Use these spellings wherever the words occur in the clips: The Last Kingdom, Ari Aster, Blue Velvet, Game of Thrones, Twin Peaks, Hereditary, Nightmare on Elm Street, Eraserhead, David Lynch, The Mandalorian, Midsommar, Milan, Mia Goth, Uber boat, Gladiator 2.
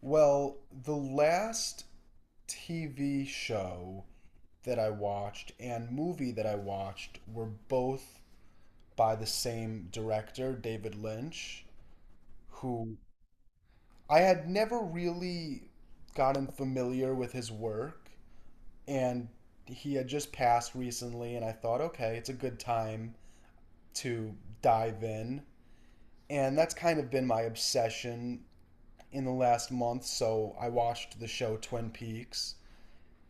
Well, the last TV show that I watched and movie that I watched were both by the same director, David Lynch, who I had never really gotten familiar with his work. And he had just passed recently, and I thought, okay, it's a good time to dive in. And that's kind of been my obsession in the last month. So I watched the show Twin Peaks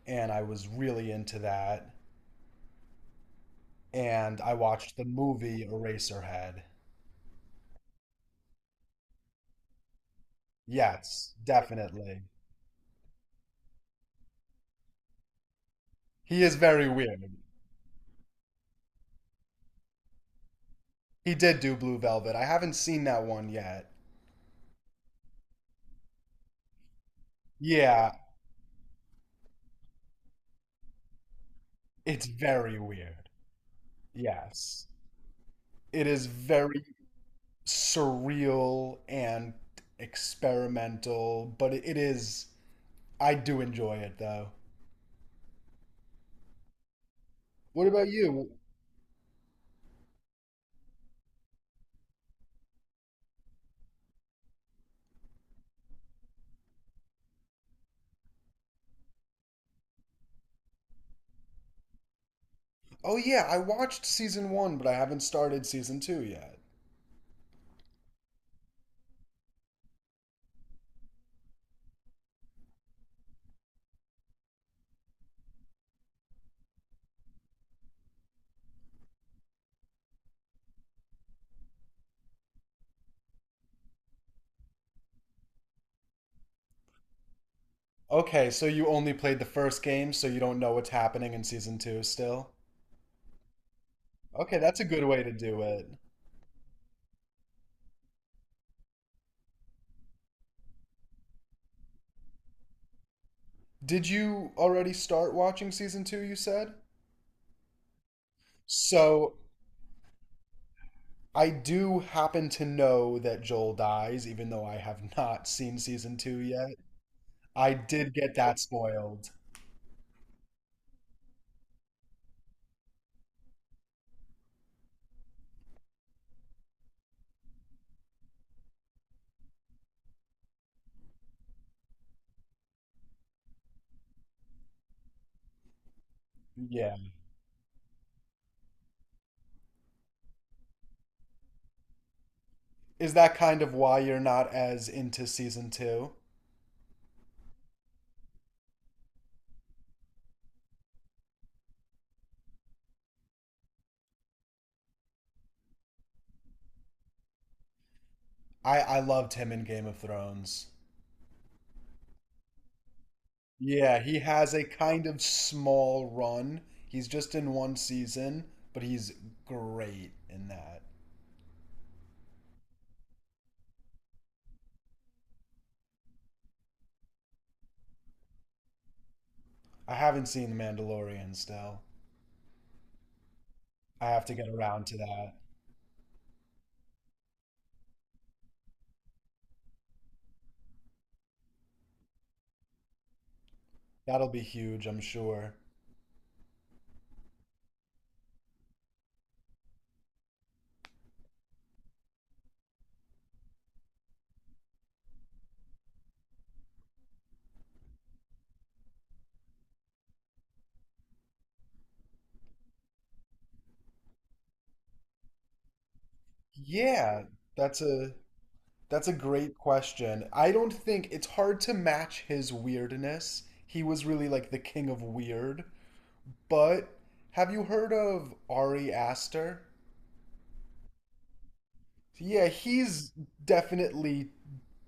and I was really into that. And I watched the movie Eraserhead. Yes, definitely. He is very weird. He did do Blue Velvet. I haven't seen that one yet. Yeah, it's very weird. Yes. It is very surreal and experimental, but it is. I do enjoy it though. What about you? Oh, yeah, I watched season one, but I haven't started season two yet. Okay, so you only played the first game, so you don't know what's happening in season two still? Okay, that's a good way to do it. Did you already start watching season two, you said? So, I do happen to know that Joel dies, even though I have not seen season two yet. I did get that spoiled. Yeah. Is that kind of why you're not as into season two? I loved him in Game of Thrones. Yeah, he has a kind of small run. He's just in one season, but he's great in that. I haven't seen The Mandalorian still. I have to get around to that. That'll be huge, I'm sure. Yeah, that's a that's a great question. I don't think it's hard to match his weirdness. He was really like the king of weird. But have you heard of Ari Aster? So, yeah, he's definitely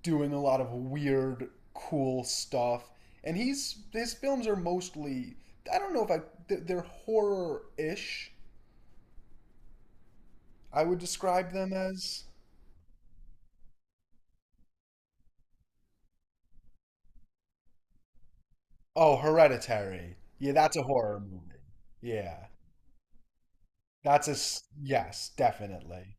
doing a lot of weird, cool stuff, and he's his films are mostly, I don't know if I they're horror-ish, I would describe them as. Oh, Hereditary. Yeah, that's a horror movie. Yeah, yes, definitely.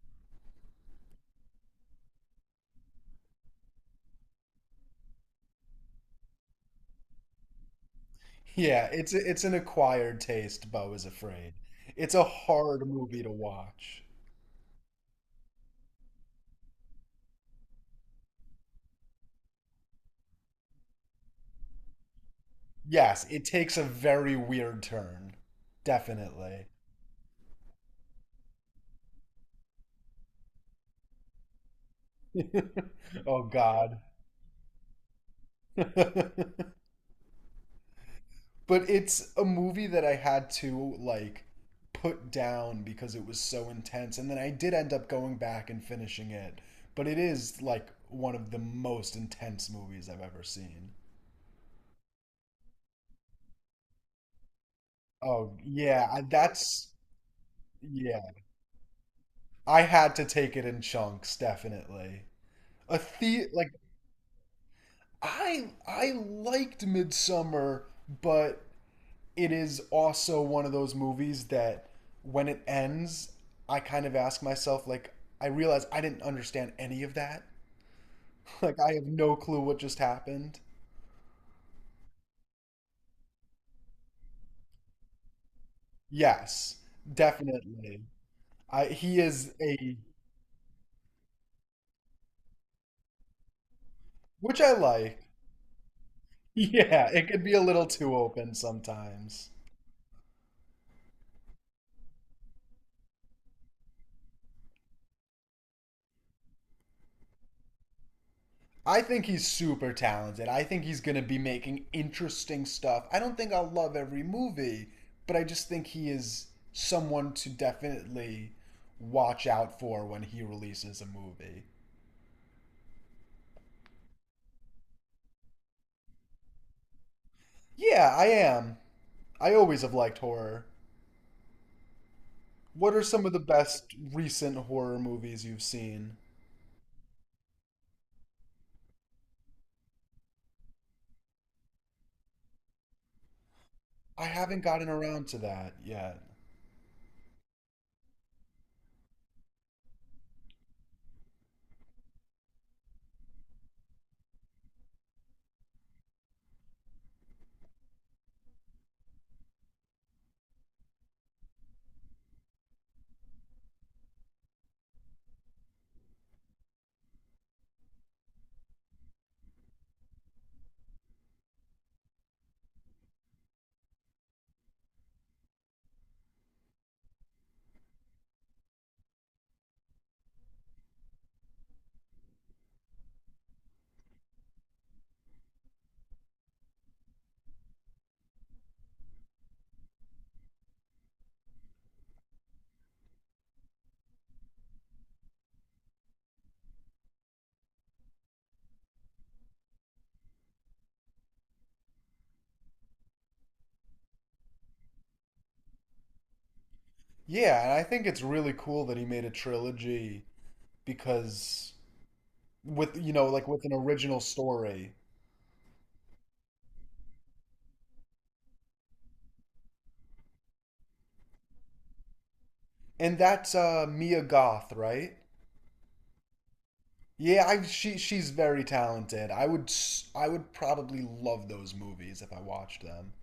Yeah, it's an acquired taste. Bo is afraid. It's a hard movie to watch. Yes, it takes a very weird turn. Definitely. Oh God. But it's a movie that I had to like put down because it was so intense, and then I did end up going back and finishing it. But it is like one of the most intense movies I've ever seen. Oh yeah, that's yeah. I had to take it in chunks, definitely. A the like I liked Midsummer, but it is also one of those movies that when it ends, I kind of ask myself, like, I realize I didn't understand any of that. Like, I have no clue what just happened. Yes, definitely. I he is a which I like. Yeah, it could be a little too open sometimes. I think he's super talented. I think he's going to be making interesting stuff. I don't think I'll love every movie, but I just think he is someone to definitely watch out for when he releases a movie. Yeah, I am. I always have liked horror. What are some of the best recent horror movies you've seen? I haven't gotten around to that yet. Yeah, and I think it's really cool that he made a trilogy because with you know like with an original story. And that's Mia Goth, right? Yeah, she's very talented. I would probably love those movies if I watched them.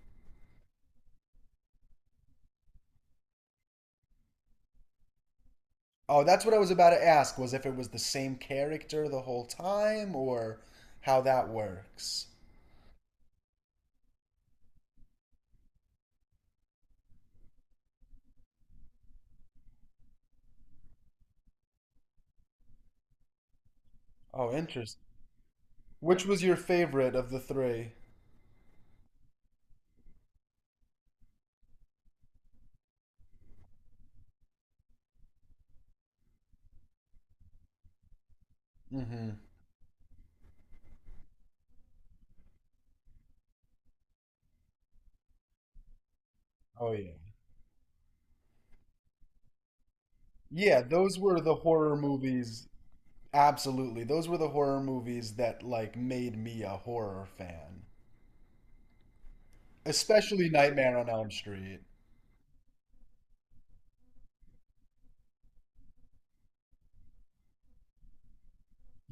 Oh, that's what I was about to ask was if it was the same character the whole time or how that works. Oh, interesting. Which was your favorite of the three? Mm-hmm. Oh yeah. Yeah, those were the horror movies. Absolutely. Those were the horror movies that like made me a horror fan. Especially Nightmare on Elm Street.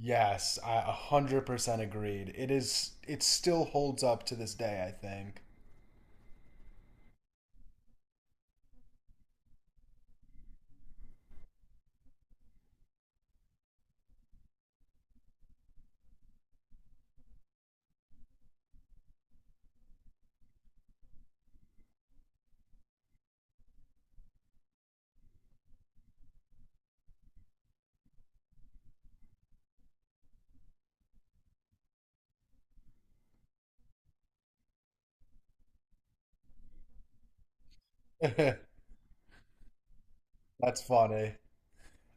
Yes, I 100% agreed. It still holds up to this day, I think. That's funny.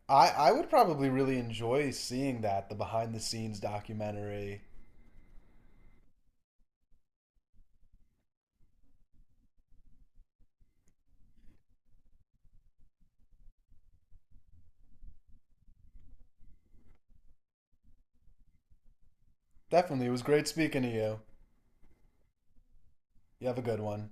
I would probably really enjoy seeing that, the behind the scenes documentary. Definitely, it was great speaking to you. You have a good one.